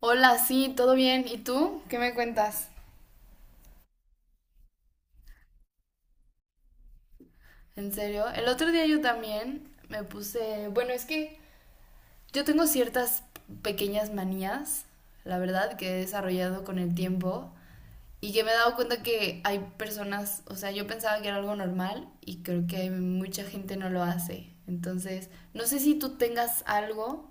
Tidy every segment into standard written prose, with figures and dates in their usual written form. Hola, sí, todo bien. ¿Y tú? ¿Qué me cuentas? ¿En serio? El otro día yo también me puse... Bueno, es que yo tengo ciertas pequeñas manías, la verdad, que he desarrollado con el tiempo y que me he dado cuenta que hay personas, o sea, yo pensaba que era algo normal y creo que hay mucha gente no lo hace. Entonces, no sé si tú tengas algo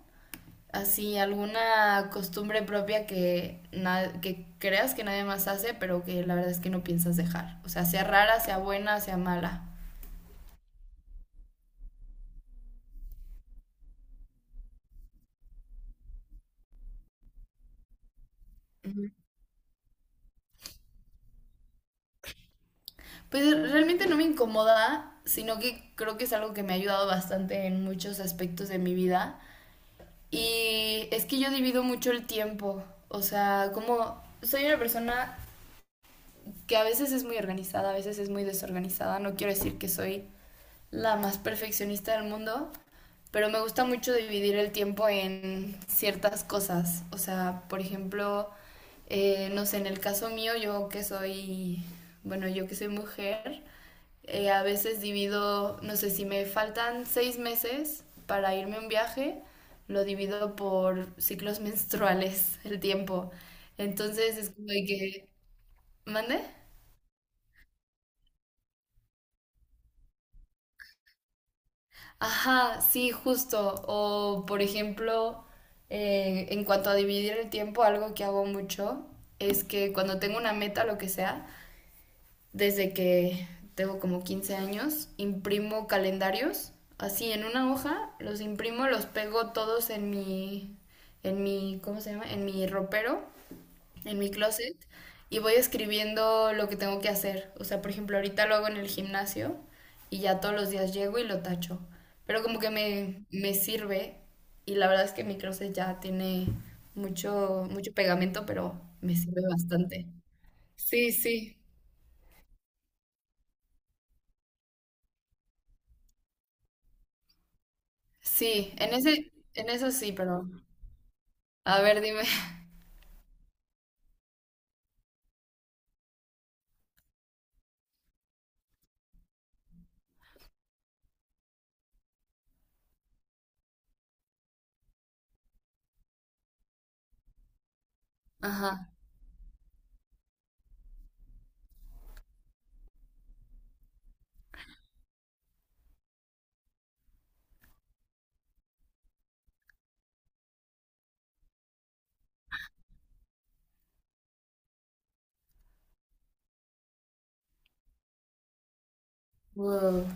así alguna costumbre propia que, que creas que nadie más hace, pero que la verdad es que no piensas dejar. O sea, sea rara, sea buena, sea mala. Ujú. Pues realmente no me incomoda, sino que creo que es algo que me ha ayudado bastante en muchos aspectos de mi vida. Y es que yo divido mucho el tiempo. O sea, como soy una persona que a veces es muy organizada, a veces es muy desorganizada. No quiero decir que soy la más perfeccionista del mundo, pero me gusta mucho dividir el tiempo en ciertas cosas. O sea, por ejemplo, no sé, en el caso mío, yo que soy, bueno, yo que soy mujer, a veces divido, no sé, si me faltan 6 meses para irme a un viaje, lo divido por ciclos menstruales el tiempo. Entonces es como de que, ¿mande? Ajá, sí, justo. O, por ejemplo, en cuanto a dividir el tiempo, algo que hago mucho es que cuando tengo una meta, lo que sea, desde que tengo como 15 años, imprimo calendarios, así en una hoja, los imprimo, los pego todos en mi, ¿cómo se llama? En mi ropero, en mi closet y voy escribiendo lo que tengo que hacer. O sea, por ejemplo, ahorita lo hago en el gimnasio y ya todos los días llego y lo tacho. Pero como que me sirve y la verdad es que mi closet ya tiene mucho, mucho pegamento, pero me sirve bastante. Sí, sí. Sí, en ese, en eso sí, pero... A ver, dime. Ajá. Wow.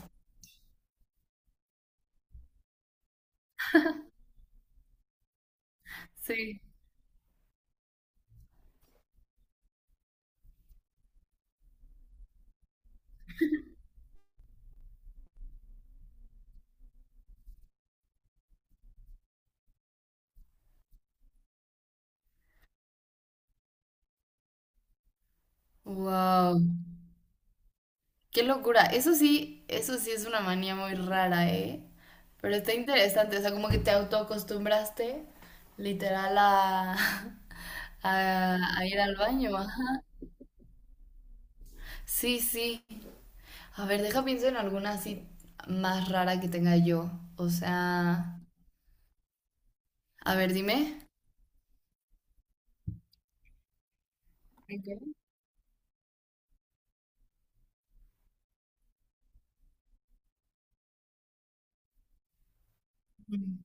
Sí. Wow. Qué locura. Eso sí es una manía muy rara, ¿eh? Pero está interesante, o sea, como que te autoacostumbraste literal a, a ir al baño, ajá. Sí, sí. A ver, deja pienso en alguna así más rara que tenga yo. O sea, a ver, dime. Ok. Mm.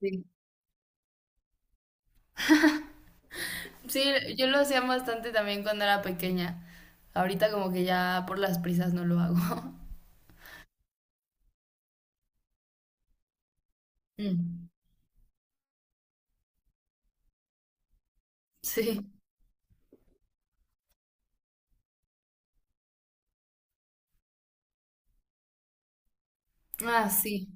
Sí. Sí, yo lo hacía bastante también cuando era pequeña. Ahorita como que ya por las prisas no lo hago. Mm. Sí. Ah, sí.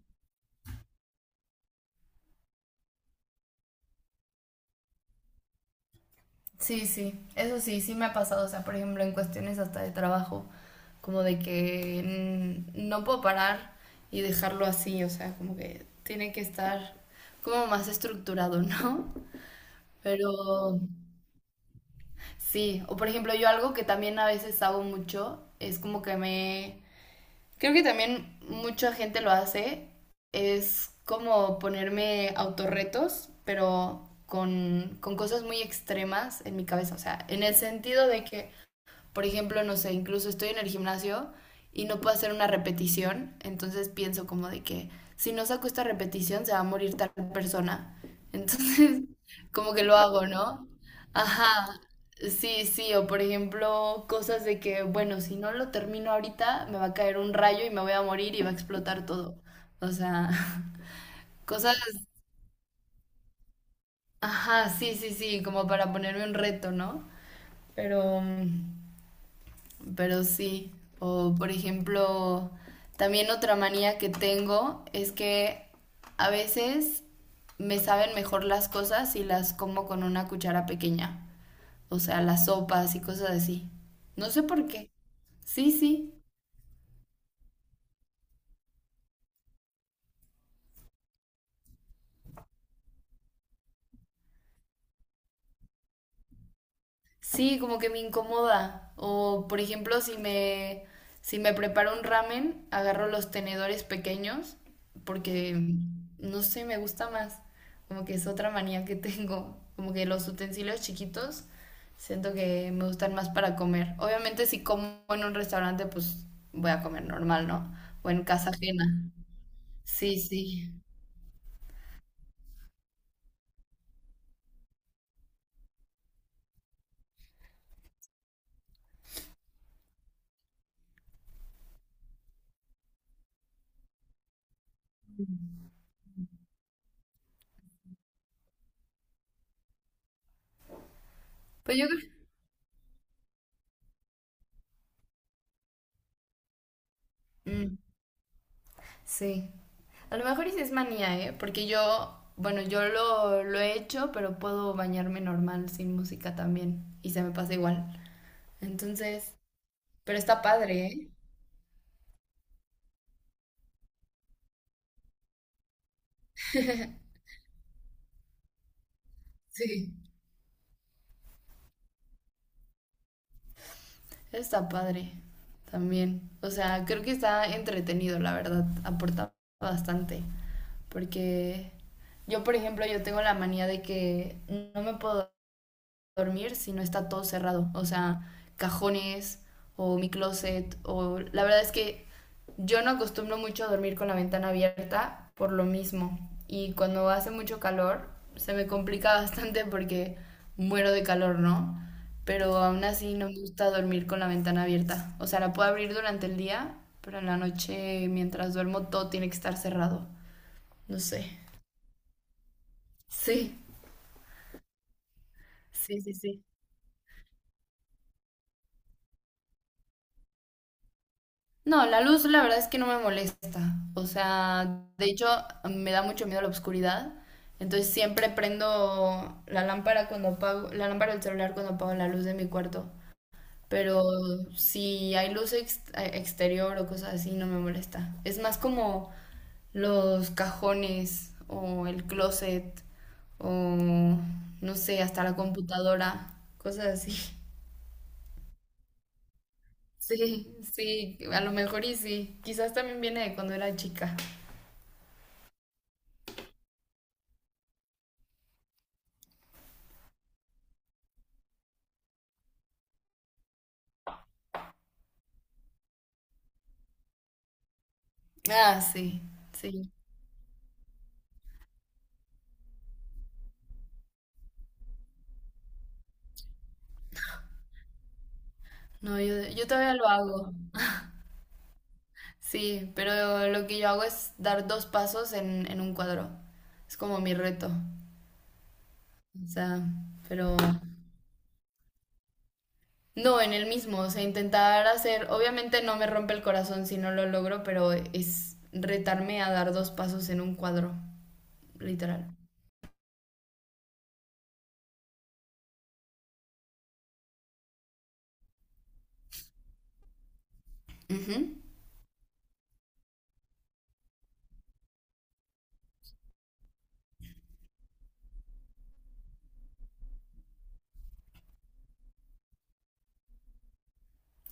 Sí, sí, eso sí, sí me ha pasado, o sea, por ejemplo, en cuestiones hasta de trabajo, como de que no puedo parar y dejarlo así, o sea, como que tiene que estar como más estructurado, ¿no? Pero sí, o por ejemplo, yo algo que también a veces hago mucho, es como que me... Creo que también mucha gente lo hace, es como ponerme autorretos, pero con cosas muy extremas en mi cabeza, o sea, en el sentido de que por ejemplo, no sé, incluso estoy en el gimnasio y no puedo hacer una repetición, entonces pienso como de que si no saco esta repetición se va a morir tal persona. Entonces, como que lo hago, ¿no? Ajá, sí, sí, o por ejemplo, cosas de que, bueno, si no lo termino ahorita, me va a caer un rayo y me voy a morir y va a explotar todo. O sea, cosas, ajá, sí, sí, sí, como para ponerme un reto, ¿no? Pero pero sí, o por ejemplo, también otra manía que tengo es que a veces me saben mejor las cosas si las como con una cuchara pequeña, o sea, las sopas y cosas así. No sé por qué. Sí, sí. Sí, como que me incomoda. O, por ejemplo, si me preparo un ramen, agarro los tenedores pequeños porque, no sé, me gusta más. Como que es otra manía que tengo. Como que los utensilios chiquitos siento que me gustan más para comer. Obviamente, si como en un restaurante, pues voy a comer normal, ¿no? O en casa ajena. Sí, sí. Pues yo creo... Mm, sí. A lo mejor sí es manía, ¿eh? Porque yo, bueno, lo he hecho, pero puedo bañarme normal sin música también. Y se me pasa igual. Entonces, pero está padre, ¿eh? Sí. Está padre también. O sea, creo que está entretenido, la verdad. Aporta bastante. Porque yo, por ejemplo, yo tengo la manía de que no me puedo dormir si no está todo cerrado. O sea, cajones o mi closet o la verdad es que yo no acostumbro mucho a dormir con la ventana abierta por lo mismo. Y cuando hace mucho calor se me complica bastante porque muero de calor, ¿no? Pero aún así no me gusta dormir con la ventana abierta. O sea, la puedo abrir durante el día, pero en la noche mientras duermo todo tiene que estar cerrado. No sé. Sí, sí, sí, sí. No, la luz la verdad es que no me molesta. O sea, de hecho me da mucho miedo la oscuridad. Entonces siempre prendo la lámpara cuando apago, la lámpara del celular cuando apago la luz de mi cuarto. Pero si hay luz exterior o cosas así, no me molesta. Es más como los cajones o el closet o no sé, hasta la computadora, cosas así. Sí, sí, a lo mejor y sí. Quizás también viene de cuando era chica. Ah, sí, sí. No, yo todavía lo hago. Sí, pero lo que yo hago es dar 2 pasos en un cuadro. Es como mi reto. O sea, pero no en el mismo. O sea, intentar hacer, obviamente no me rompe el corazón si no lo logro, pero es retarme a dar 2 pasos en un cuadro, literal. Ujú.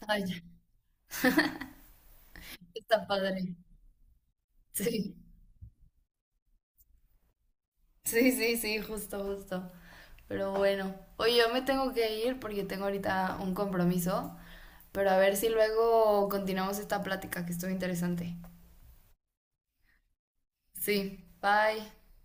Ay, ya, está padre. Sí, sí, sí, sí, justo, justo. Pero bueno, oye, yo me tengo que ir porque tengo ahorita un compromiso. Pero a ver si luego continuamos esta plática que estuvo interesante. Sí, bye.